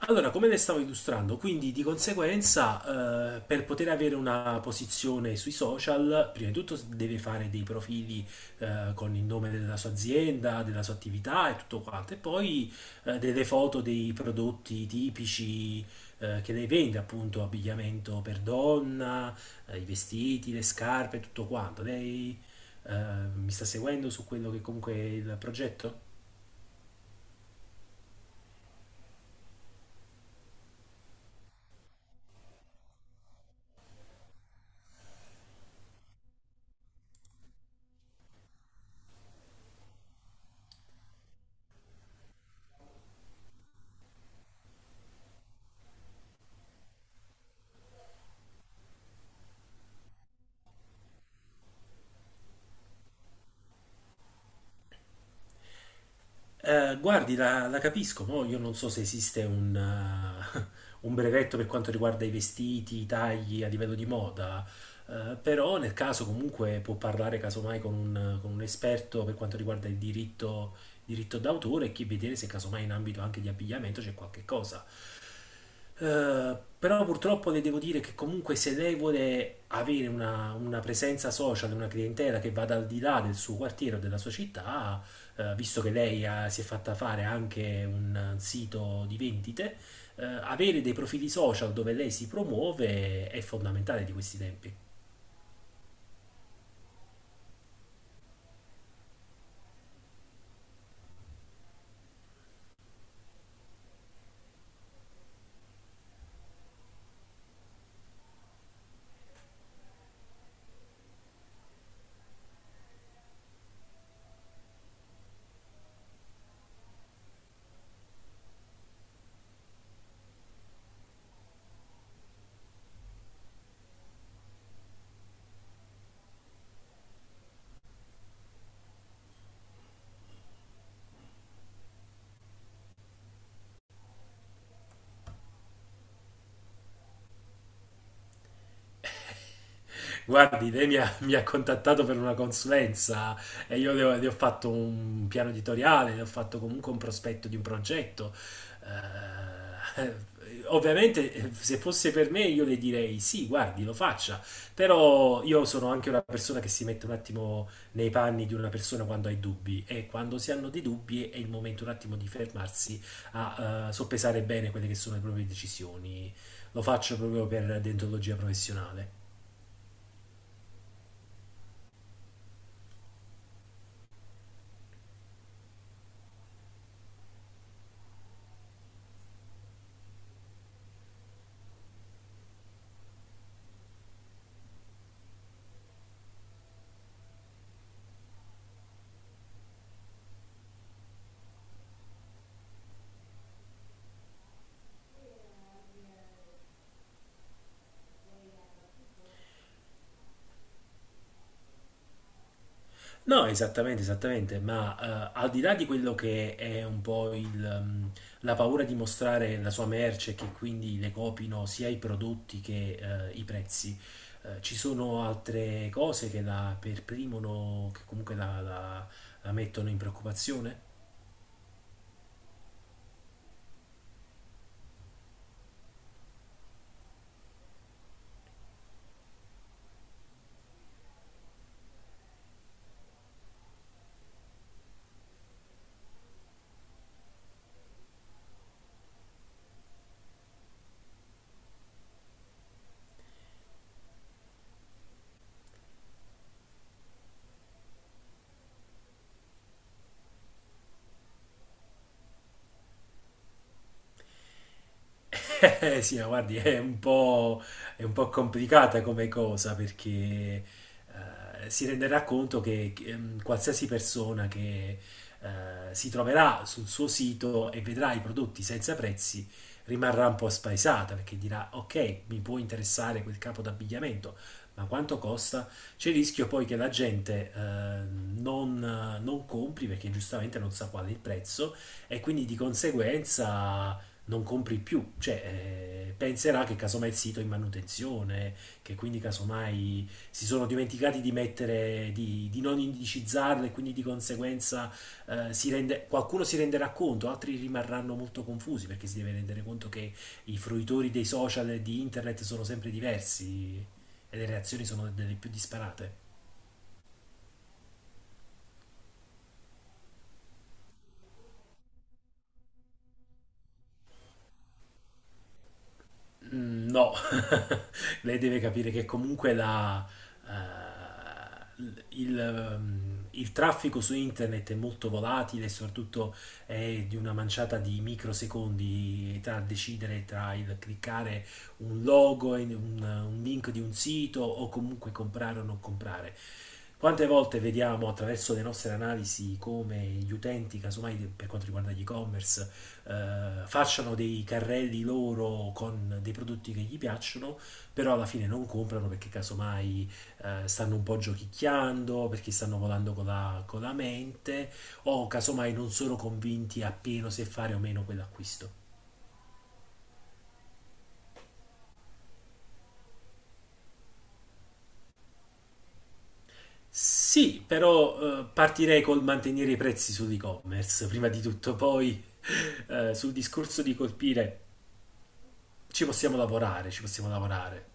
Allora, come le stavo illustrando, quindi di conseguenza, per poter avere una posizione sui social, prima di tutto deve fare dei profili, con il nome della sua azienda, della sua attività e tutto quanto, e poi, delle foto dei prodotti tipici, che lei vende, appunto, abbigliamento per donna, i vestiti, le scarpe, tutto quanto. Lei, eh, mi sta seguendo su quello che comunque è il progetto? Guardi, la capisco, mo io non so se esiste un, un brevetto per quanto riguarda i vestiti, i tagli a livello di moda, però nel caso comunque può parlare casomai con un esperto per quanto riguarda il diritto, diritto d'autore e vedere se casomai in ambito anche di abbigliamento c'è qualche cosa. Però purtroppo le devo dire che comunque se lei vuole avere una presenza social, una clientela che vada al di là del suo quartiere o della sua città, visto che si è fatta fare anche un sito di vendite, avere dei profili social dove lei si promuove è fondamentale di questi tempi. Guardi, lei mi ha contattato per una consulenza e io le ho fatto un piano editoriale, le ho fatto comunque un prospetto di un progetto. Ovviamente, se fosse per me, io le direi sì, guardi, lo faccia. Però io sono anche una persona che si mette un attimo nei panni di una persona quando ha i dubbi e quando si hanno dei dubbi è il momento un attimo di fermarsi a soppesare bene quelle che sono le proprie decisioni. Lo faccio proprio per dentologia professionale. No, esattamente, esattamente, ma al di là di quello che è un po' il, la paura di mostrare la sua merce, e che quindi le copino sia i prodotti che i prezzi, ci sono altre cose che la perprimono, che comunque la mettono in preoccupazione? Sì, ma guardi, è un po' complicata come cosa perché si renderà conto che, qualsiasi persona che si troverà sul suo sito e vedrà i prodotti senza prezzi rimarrà un po' spaesata perché dirà: Ok, mi può interessare quel capo d'abbigliamento, ma quanto costa? C'è il rischio poi che la gente non compri perché giustamente non sa qual è il prezzo e quindi di conseguenza non compri più, cioè penserà che casomai il sito è in manutenzione, che quindi casomai si sono dimenticati di mettere, di non indicizzarlo e quindi di conseguenza qualcuno si renderà conto, altri rimarranno molto confusi perché si deve rendere conto che i fruitori dei social e di internet sono sempre diversi e le reazioni sono delle più disparate. Mm, no, lei deve capire che comunque eh, il traffico su internet è molto volatile e soprattutto è di una manciata di microsecondi tra decidere tra il cliccare un logo, in un link di un sito o comunque comprare o non comprare. Quante volte vediamo attraverso le nostre analisi come gli utenti, casomai per quanto riguarda gli e-commerce, facciano dei carrelli loro con dei prodotti che gli piacciono però alla fine non comprano perché casomai stanno un po' giochicchiando, perché stanno volando con la mente, o casomai non sono convinti appieno se fare o meno quell'acquisto. Sì, però partirei col mantenere i prezzi sull'e-commerce, prima di tutto, poi sul discorso di colpire ci possiamo lavorare, ci possiamo lavorare.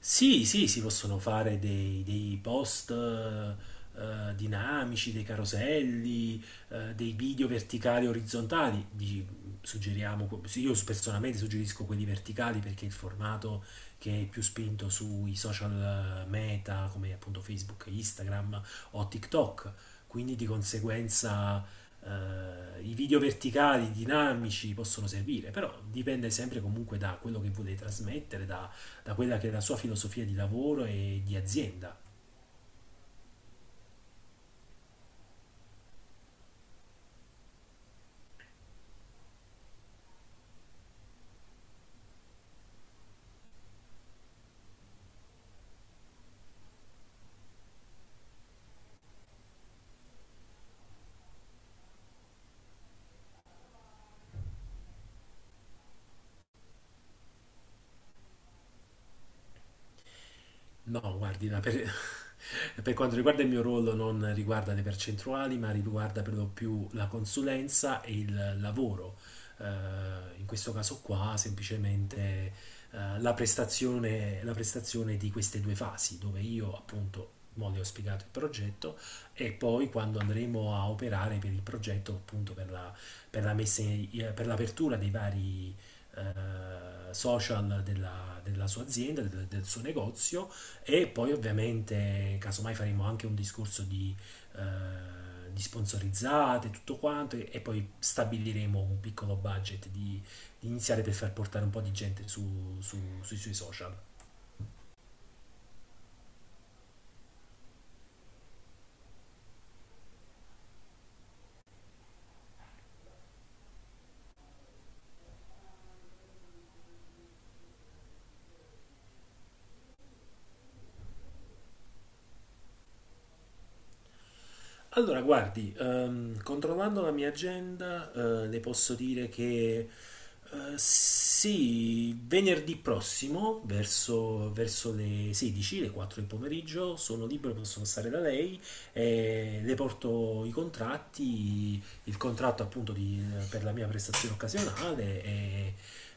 Sì, sì, si possono fare dei post dinamici, dei caroselli, dei video verticali e orizzontali. Sì, io personalmente suggerisco quelli verticali perché è il formato che è più spinto sui social meta come appunto Facebook, Instagram o TikTok. Quindi di conseguenza i video verticali dinamici possono servire, però dipende sempre comunque da quello che volete trasmettere, da quella che è la sua filosofia di lavoro e di azienda. No, guardi, ma per, per quanto riguarda il mio ruolo non riguarda le percentuali, ma riguarda per lo più la consulenza e il lavoro. Eh, in questo caso qua, semplicemente la prestazione di queste due fasi, dove io appunto mo le ho spiegato il progetto e poi quando andremo a operare per il progetto, appunto per la, per la per l'apertura dei vari social della, della sua azienda, del suo negozio e poi ovviamente, casomai faremo anche un discorso di sponsorizzate, tutto quanto, e poi stabiliremo un piccolo budget di iniziare per far portare un po' di gente sui suoi social. Allora, guardi, controllando la mia agenda, le posso dire che sì, venerdì prossimo, verso, verso le 16, le 4 del pomeriggio, sono libero, posso passare da lei, e le porto i contratti, il contratto per la mia prestazione occasionale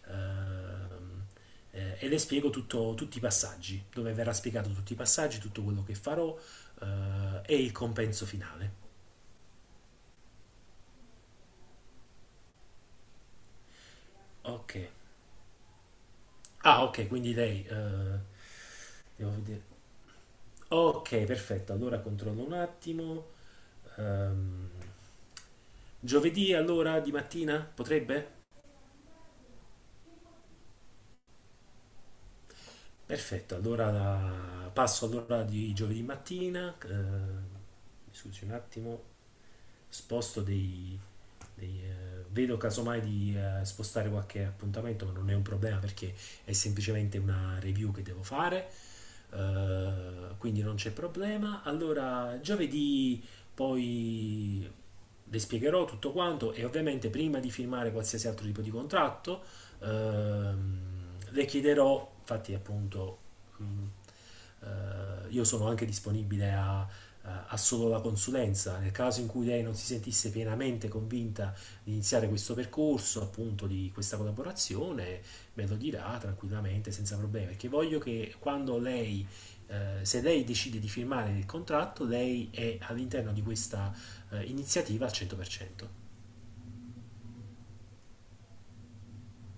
ehm, e le spiego tutti i passaggi, dove verrà spiegato tutti i passaggi, tutto quello che farò e il compenso finale. Ok. Ah, ok, quindi lei... devo vedere. Ok, perfetto. Allora controllo un attimo. Ehm, giovedì allora di mattina potrebbe? Perfetto, allora passo all'ora di giovedì mattina. Mi scusi un attimo. Sposto vedo casomai di spostare qualche appuntamento, ma non è un problema perché è semplicemente una review che devo fare, quindi non c'è problema. Allora, giovedì poi le spiegherò tutto quanto e ovviamente prima di firmare qualsiasi altro tipo di contratto ehm, le chiederò, infatti appunto mh, io sono anche disponibile a ha solo la consulenza, nel caso in cui lei non si sentisse pienamente convinta di iniziare questo percorso, appunto di questa collaborazione, me lo dirà tranquillamente, senza problemi, perché voglio che quando lei, eh, se lei decide di firmare il contratto, lei è all'interno di questa iniziativa al 100%.